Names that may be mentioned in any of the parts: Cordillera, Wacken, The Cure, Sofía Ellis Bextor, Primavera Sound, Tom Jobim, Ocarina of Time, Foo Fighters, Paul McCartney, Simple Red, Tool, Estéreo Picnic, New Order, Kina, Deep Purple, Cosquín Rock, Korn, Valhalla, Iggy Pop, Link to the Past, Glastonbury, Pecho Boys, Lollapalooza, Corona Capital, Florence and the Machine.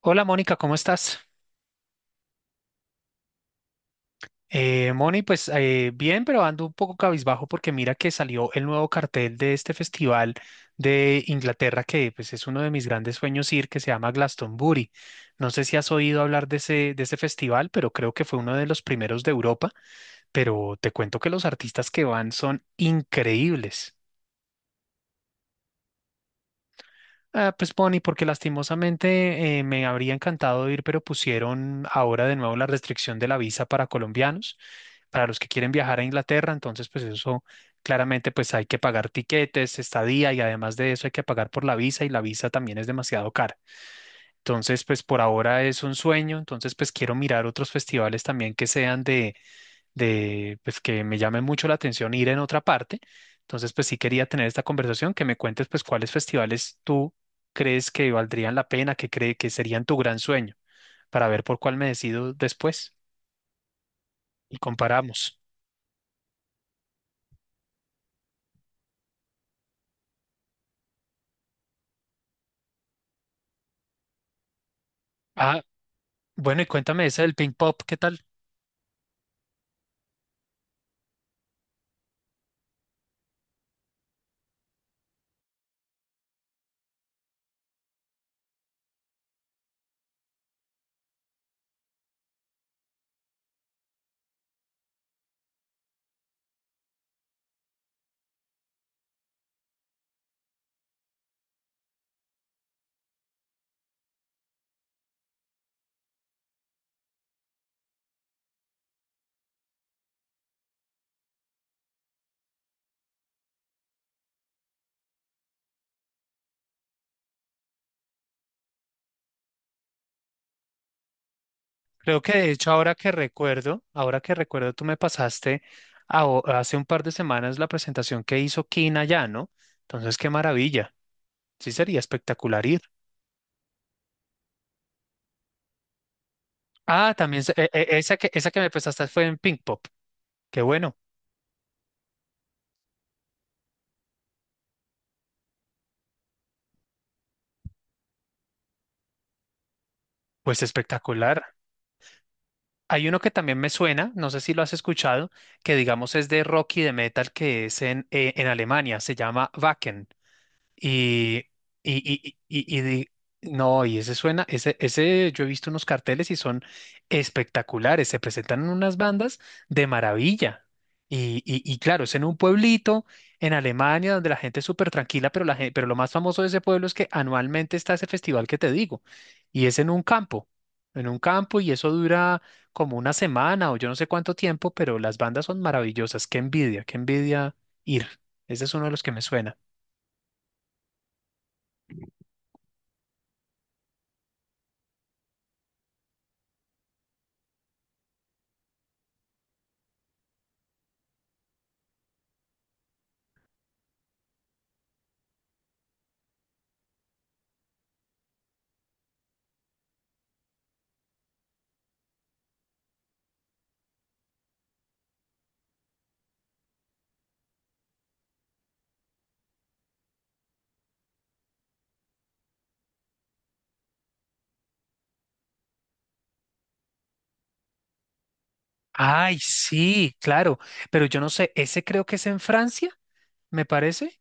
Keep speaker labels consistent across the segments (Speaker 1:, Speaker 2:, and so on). Speaker 1: Hola Mónica, ¿cómo estás? Moni, pues bien, pero ando un poco cabizbajo porque mira que salió el nuevo cartel de este festival de Inglaterra que pues es uno de mis grandes sueños ir, que se llama Glastonbury. No sé si has oído hablar de ese festival, pero creo que fue uno de los primeros de Europa, pero te cuento que los artistas que van son increíbles. Ah, pues Bonnie, porque lastimosamente me habría encantado ir, pero pusieron ahora de nuevo la restricción de la visa para colombianos, para los que quieren viajar a Inglaterra, entonces pues eso claramente pues hay que pagar tiquetes, estadía y además de eso hay que pagar por la visa y la visa también es demasiado cara. Entonces pues por ahora es un sueño, entonces pues quiero mirar otros festivales también que sean de pues que me llame mucho la atención ir en otra parte. Entonces, pues sí quería tener esta conversación, que me cuentes pues cuáles festivales tú crees que valdrían la pena, que cree que serían tu gran sueño, para ver por cuál me decido después y comparamos. Ah, bueno, y cuéntame esa del Pink Pop, ¿qué tal? Creo que de hecho ahora que recuerdo, tú me pasaste hace un par de semanas la presentación que hizo Kina allá, ¿no? Entonces, qué maravilla. Sí, sería espectacular ir. Ah, también se- e- e- esa que me prestaste fue en Pink Pop. Qué bueno, pues espectacular. Hay uno que también me suena, no sé si lo has escuchado, que digamos es de rock y de metal, que es en Alemania, se llama Wacken. Y, y, y, y- y di- no, y ese suena, yo he visto unos carteles y son espectaculares, se presentan en unas bandas de maravilla. Y claro, es en un pueblito en Alemania donde la gente es súper tranquila, pero, pero lo más famoso de ese pueblo es que anualmente está ese festival que te digo, y es en un campo, y eso dura como una semana o yo no sé cuánto tiempo, pero las bandas son maravillosas, qué envidia ir. Ese es uno de los que me suena. Ay, sí, claro, pero yo no sé, ese creo que es en Francia, me parece,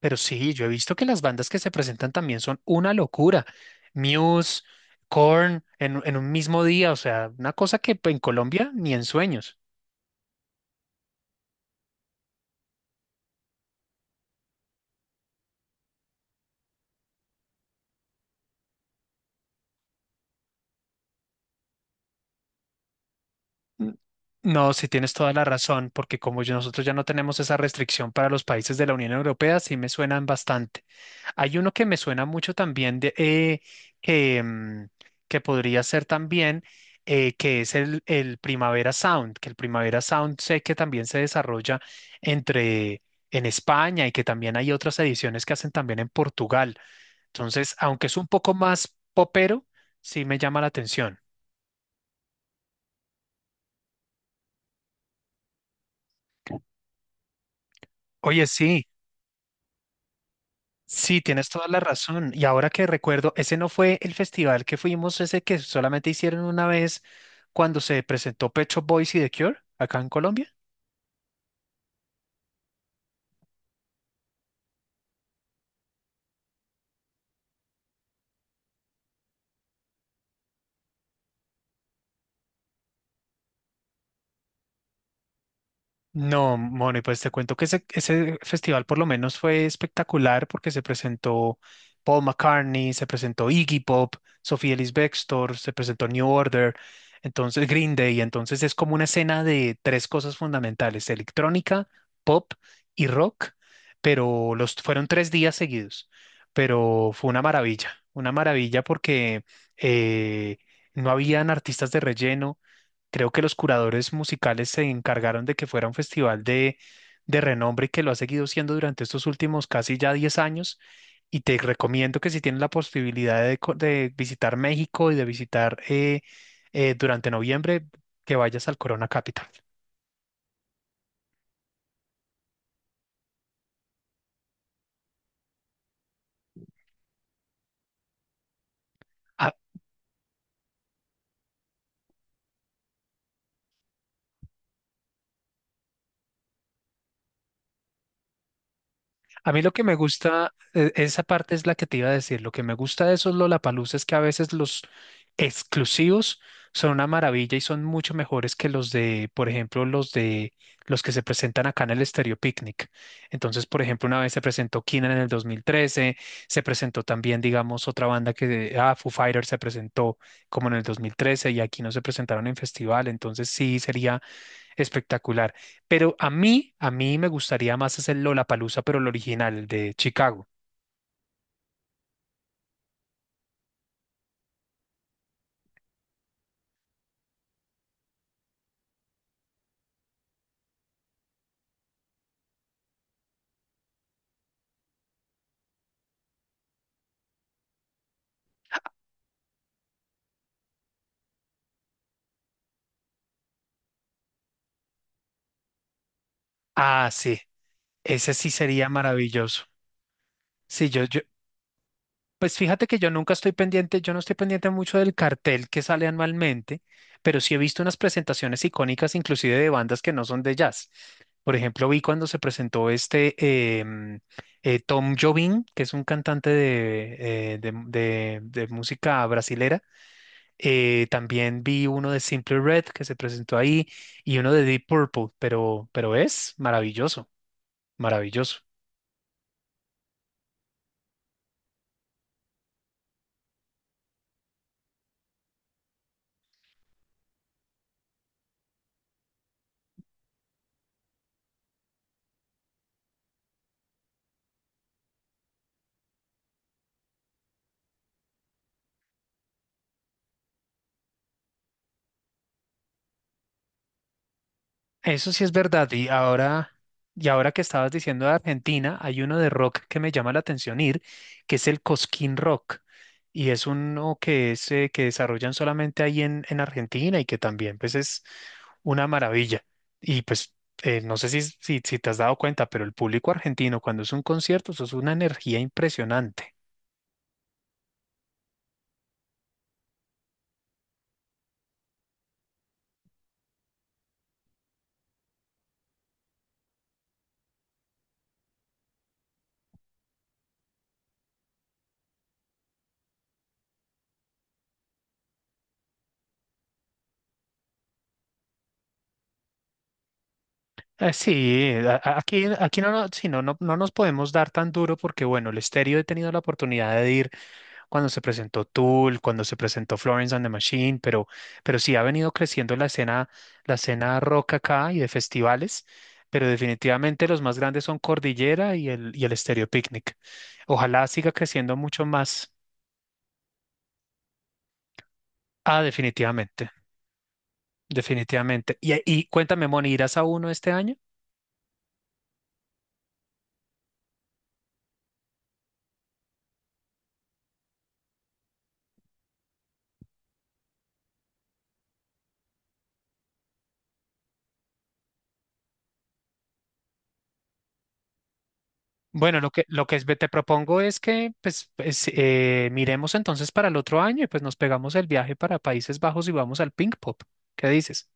Speaker 1: pero sí, yo he visto que las bandas que se presentan también son una locura. Muse, Korn, en un mismo día, o sea, una cosa que pues, en Colombia ni en sueños. N- No, sí tienes toda la razón, porque como yo- nosotros ya no tenemos esa restricción para los países de la Unión Europea, sí me suenan bastante. Hay uno que me suena mucho también de, que, mm, que podría ser también, el Primavera Sound, que el Primavera Sound sé que también se desarrolla entre en España y que también hay otras ediciones que hacen también en Portugal. Entonces, aunque es un poco más popero, sí me llama la atención. Oye, sí. Sí, tienes toda la razón. Y ahora que recuerdo, ese no fue el festival que fuimos, ese que solamente hicieron una vez cuando se presentó Pecho Boys y The Cure acá en Colombia. No, Moni, pues te cuento que ese festival por lo menos fue espectacular porque se presentó Paul McCartney, se presentó Iggy Pop, Sofía Ellis Bextor, se presentó New Order, entonces Green Day, entonces es como una escena de tres cosas fundamentales, electrónica, pop y rock, pero los fueron tres días seguidos, pero fue una maravilla porque eh, no habían artistas de relleno. Creo que los curadores musicales se encargaron de que fuera un festival de renombre que lo ha seguido siendo durante estos últimos casi ya 10 años. Y te recomiendo que si tienes la posibilidad de visitar México y de visitar durante noviembre, que vayas al Corona Capital. A mí lo que me gusta, esa parte es la que te iba a decir, lo que me gusta de esos Lollapalooza es que a veces los exclusivos son una maravilla y son mucho mejores que los de, por ejemplo, los que se presentan acá en el Estéreo Picnic. Entonces, por ejemplo, una vez se presentó Keane en el 2013, se presentó también, digamos, otra banda Foo Fighters se presentó como en el 2013 y aquí no se presentaron en festival, entonces sí sería espectacular. Pero a mí me gustaría más hacer Lollapalooza, pero el original, el de Chicago. Ah, sí, ese sí sería maravilloso. Sí, yo, yo, pues fíjate que yo nunca estoy pendiente, yo no estoy pendiente mucho del cartel que sale anualmente, pero sí he visto unas presentaciones icónicas, inclusive de bandas que no son de jazz. Por ejemplo, vi cuando se presentó Tom Jobim, que es un cantante de, de música brasilera. También vi uno de Simple Red que se presentó ahí y uno de Deep Purple, pero es maravilloso, maravilloso. Eso sí es verdad. Y ahora que estabas diciendo de Argentina, hay uno de rock que me llama la atención ir, que es el Cosquín Rock. Y es uno que desarrollan solamente ahí en Argentina y que también pues es una maravilla. Y pues no sé si te has dado cuenta, pero el público argentino cuando es un concierto, eso es una energía impresionante. Sí, aquí, no nos podemos dar tan duro porque, bueno, el estéreo he tenido la oportunidad de ir cuando se presentó Tool, cuando se presentó Florence and the Machine, pero sí ha venido creciendo la escena rock acá y de festivales, pero definitivamente los más grandes son Cordillera y el Estéreo Picnic. Ojalá siga creciendo mucho más. Ah, definitivamente, definitivamente. Y cuéntame, Moni, ¿irás a uno este año? Bueno, lo que es, te propongo es que miremos entonces para el otro año y pues nos pegamos el viaje para Países Bajos y vamos al Pink Pop. ¿Qué dices?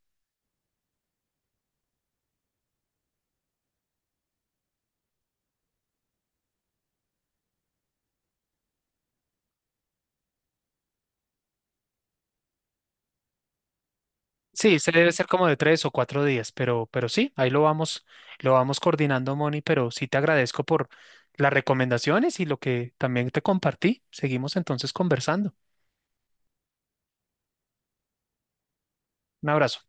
Speaker 1: Sí, se debe ser como de tres o cuatro días, pero sí, lo vamos coordinando, Moni, pero sí te agradezco por las recomendaciones y lo que también te compartí. Seguimos entonces conversando. Un abrazo.